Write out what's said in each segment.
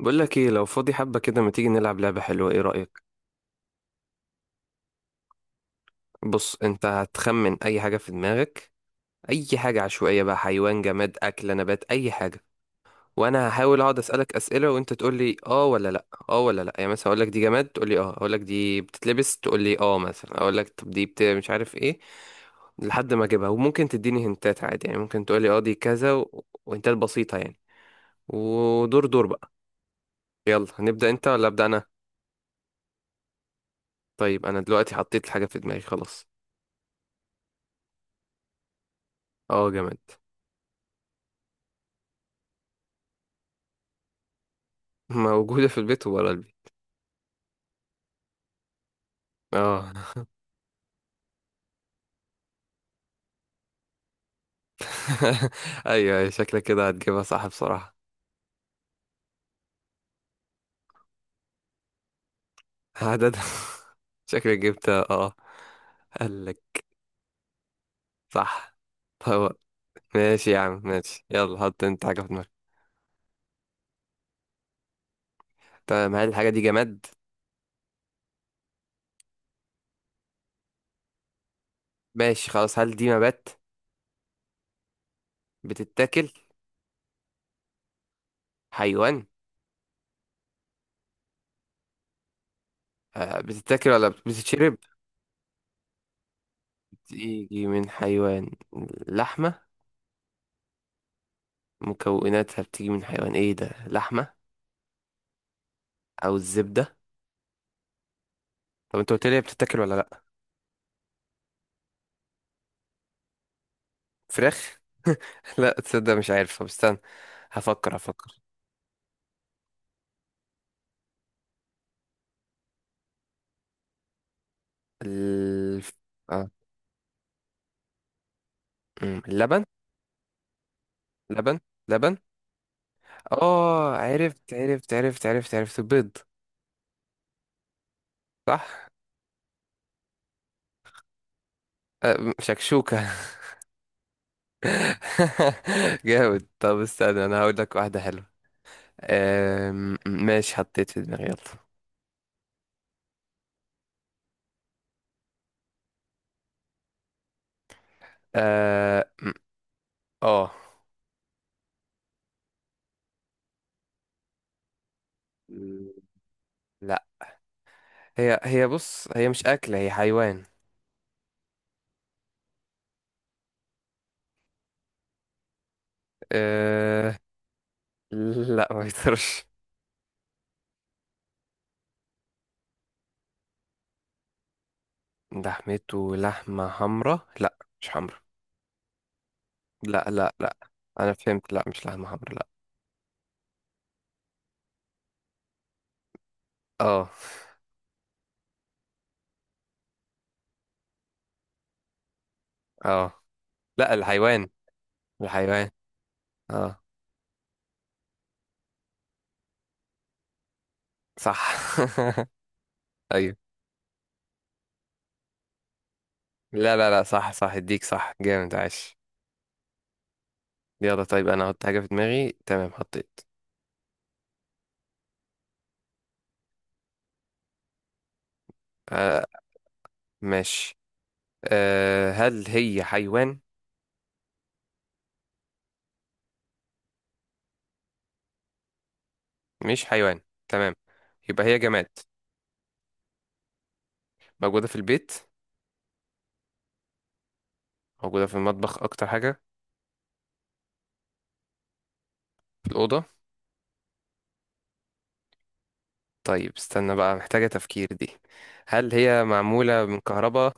بقول لك ايه؟ لو فاضي حبة كده ما تيجي نلعب لعبة حلوة؟ ايه رأيك؟ بص، انت هتخمن اي حاجة في دماغك. اي حاجة عشوائية بقى، حيوان، جماد، اكلة، نبات، اي حاجة. وانا هحاول اقعد اسألك اسئلة وانت تقول لي اه ولا لا، اه ولا لا. يعني مثلا اقول لك دي جماد تقول لي اه، اقول لك دي بتتلبس تقول لي اه، مثلا اقول لك طب دي مش عارف ايه، لحد ما اجيبها. وممكن تديني هنتات عادي، يعني ممكن تقول لي اه دي كذا وهنتات بسيطة يعني. ودور دور بقى. يلا هنبدأ، انت ولا ابدأ انا؟ طيب انا دلوقتي حطيت الحاجة في دماغي خلاص. اه جامد. موجودة في البيت وبره البيت. اه. ايوه، شكلك كده هتجيبها صح بصراحة. عدد. شكلك جبتها، اه. قال لك صح. طب ماشي يا عم، ماشي. يلا حط انت حاجة في دماغك. تمام، هل الحاجة دي جماد؟ ماشي خلاص، هل دي نبات؟ بتتاكل؟ حيوان؟ آه، بتتاكل ولا بتتشرب؟ بتيجي من حيوان؟ لحمة؟ مكوناتها بتيجي من حيوان؟ ايه ده، لحمة او الزبدة؟ طب انت قلت لي هي بتتاكل ولا لا؟ فراخ؟ لا تصدق مش عارف، طب استنى، هفكر. الف... آه. أمم، اللبن. لبن. لبن. اه، عرفت، بيض. صح. آه، شكشوكة. جامد. طب استنى انا هقول لك واحدة حلوة. آم، ماشي حطيت في دماغي، يلا. اه آه. لا هي هي بص هي مش أكلة، هي حيوان. آه... لا ما يقدرش. لحمته لحمة حمرا؟ لا مش حمرا. لا، انا فهمت، لا مش لحمة حمرا، لا. اه. اه. لا، الحيوان. الحيوان. اه. صح. ايوه. لا صح صح، اديك، صح، جامد، عاش. يلا طيب انا احط حاجة في دماغي. تمام حطيت. آه. ماشي. آه، هل هي حيوان؟ مش حيوان، تمام، يبقى هي جماد. موجودة في البيت. موجودة في المطبخ اكتر حاجة؟ في الأوضة؟ طيب استنى بقى، محتاجة تفكير دي. هل هي معمولة من كهرباء؟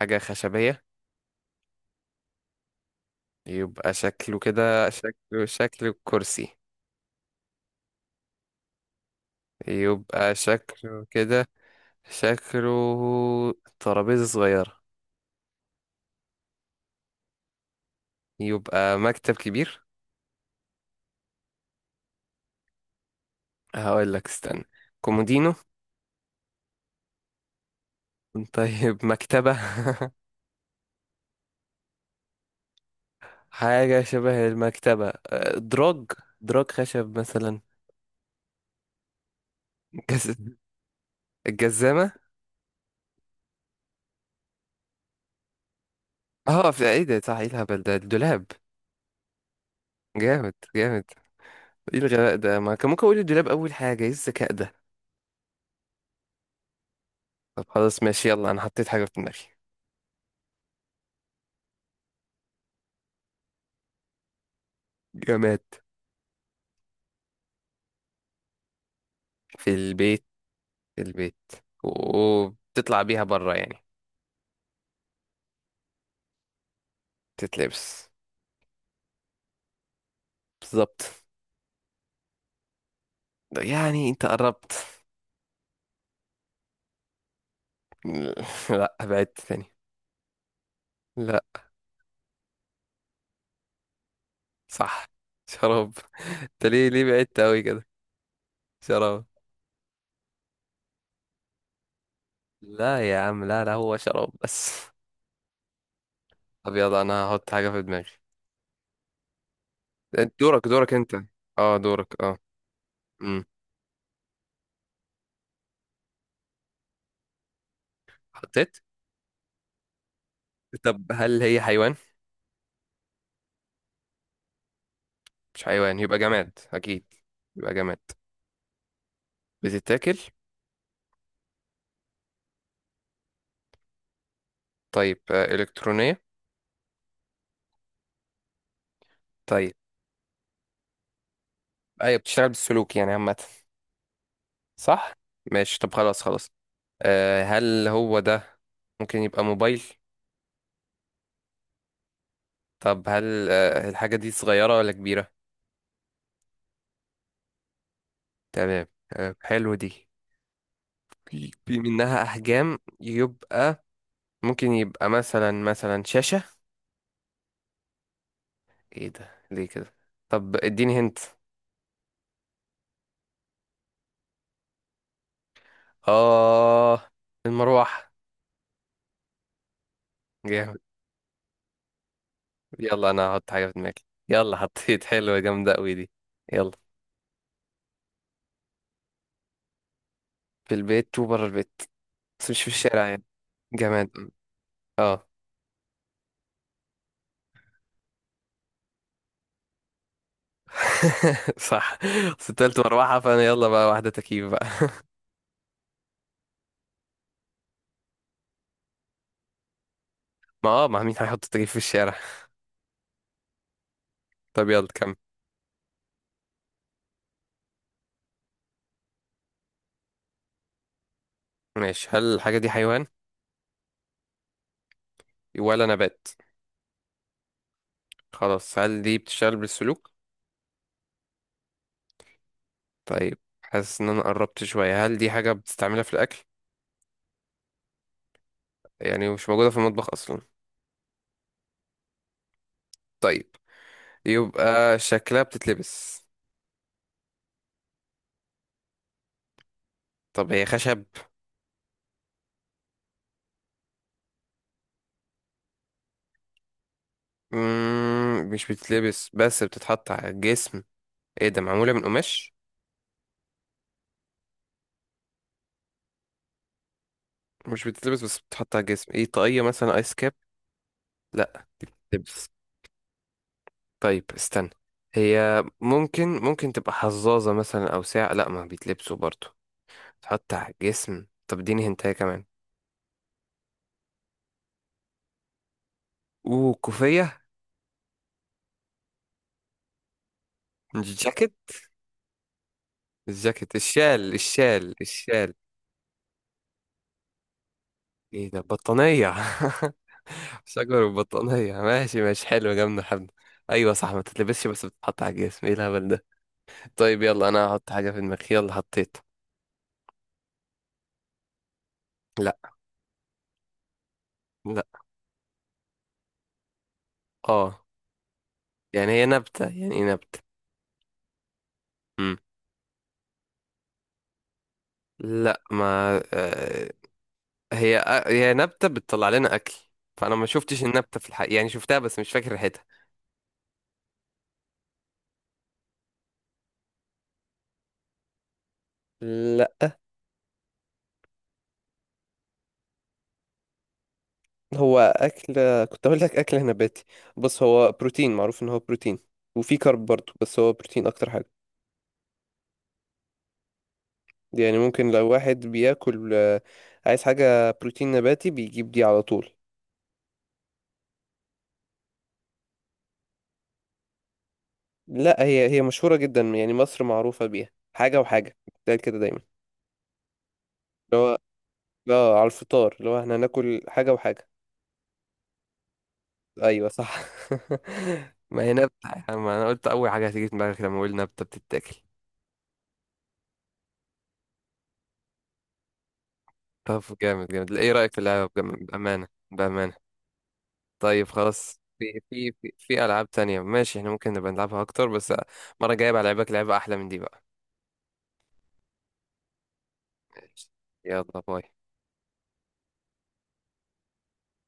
حاجة خشبية؟ يبقى شكله كده، شكله كرسي؟ يبقى شكله كده. شكله ترابيزة صغيرة؟ يبقى مكتب كبير؟ هقول لك استنى. كومودينو؟ طيب مكتبة؟ حاجة شبه المكتبة. أه، دراج، دراج خشب مثلا؟ جز... الجزامة؟ اه، في ايه ده؟ صح، ايه الهبل ده، الدولاب! جامد. ايه الغباء ده، ما كان ممكن اقول الدولاب اول حاجه. ايه الذكاء ده. طب خلاص، ماشي. يلا انا حطيت حاجه في دماغي. جماد. في البيت. في البيت، وبتطلع بيها بره يعني. تتلبس. بالظبط. ده يعني انت قربت. لا، بعدت تاني. لا. صح، شراب. انت ليه، ليه بعدت قوي كده؟ شراب. لا يا عم، لا، هو شراب بس. طب يلا انا هحط حاجه في دماغي. دورك انت. اه دورك، اه. امم. حطيت. طب هل هي حيوان؟ مش حيوان، يبقى جماد أكيد. يبقى جماد. بتتاكل؟ طيب آه، إلكترونية؟ طيب. أيوة بتشتغل بالسلوك يعني عامة. صح. ماشي، طب خلاص خلاص. آه، هل هو ده، ممكن يبقى موبايل؟ طب هل آه، الحاجة دي صغيرة ولا كبيرة؟ تمام. آه، حلو دي. في منها أحجام يبقى. ممكن يبقى مثلا، مثلا شاشة؟ ايه ده، ليه كده؟ طب اديني هنت. اه، المروحة. جامد. يلا انا هحط حاجة في دماغي. يلا حطيت، حلوة جامدة قوي دي. يلا. في البيت وبره البيت، بس مش في الشارع يعني. جماد. اه. صح. بس التالت مروحة، فانا يلا بقى واحدة تكييف بقى. ما اه، ما مين هيحط تكييف في الشارع؟ طب يلا كمل. ماشي، هل الحاجة دي حيوان ولا نبات؟ خلاص، هل دي بتشتغل بالسلوك؟ طيب، حاسس ان انا قربت شوية. هل دي حاجة بتستعملها في الاكل؟ يعني مش موجودة في المطبخ اصلا؟ طيب، يبقى شكلها بتتلبس؟ طب هي خشب؟ مم، مش بتتلبس بس بتتحط على الجسم. ايه ده، معمولة من قماش؟ مش بتتلبس بس بتتحط على الجسم، ايه؟ طاقية مثلا، ايس كاب؟ لا، لبس؟ طيب استنى، هي ممكن، ممكن تبقى حظاظة مثلا او ساعة؟ لا ما بيتلبسوا برضو. بتتحط على الجسم، طب اديني هنتايه كمان. اوه، كوفية؟ جاكيت؟ الجاكيت، الشال. ايه ده، بطانية! شجر وبطانية، ماشي ماشي، حلو، جامدة، حلو. ايوه صح، ما تتلبسش بس بتتحط على الجسم، ايه الهبل ده. طيب يلا انا هحط حاجة في دماغي. يلا حطيت. لا. لا. اه. يعني هي نبتة يعني، ايه نبتة. مم. لا ما آه، هي آه، هي نبتة بتطلع لنا اكل. فانا ما شفتش النبتة في الحقيقة، يعني شفتها بس مش فاكر ريحتها. لا. هو اكل، كنت اقول لك اكل نباتي. بص هو بروتين، معروف ان هو بروتين. وفي كارب برضو، بس هو بروتين اكتر حاجة. يعني ممكن لو واحد بياكل آه، عايز حاجة بروتين نباتي بيجيب دي على طول. لا هي، هي مشهورة جدا يعني، مصر معروفة بيها. حاجة وحاجة بتتقال كده دايما. اللي هو، اه، على الفطار اللي هو احنا هناكل حاجة وحاجة. ايوه صح. ما هي نبتة، ما انا قلت اول حاجه هتيجي في دماغك لما اقول نبته بتتاكل. طب جامد جامد، ايه رايك في اللعبه بامانه بامانه؟ طيب خلاص، في العاب تانية ماشي، احنا ممكن نبقى نلعبها اكتر. بس المره الجايه بقى لعبك لعبه احلى من دي بقى. ماشي. يلا باي.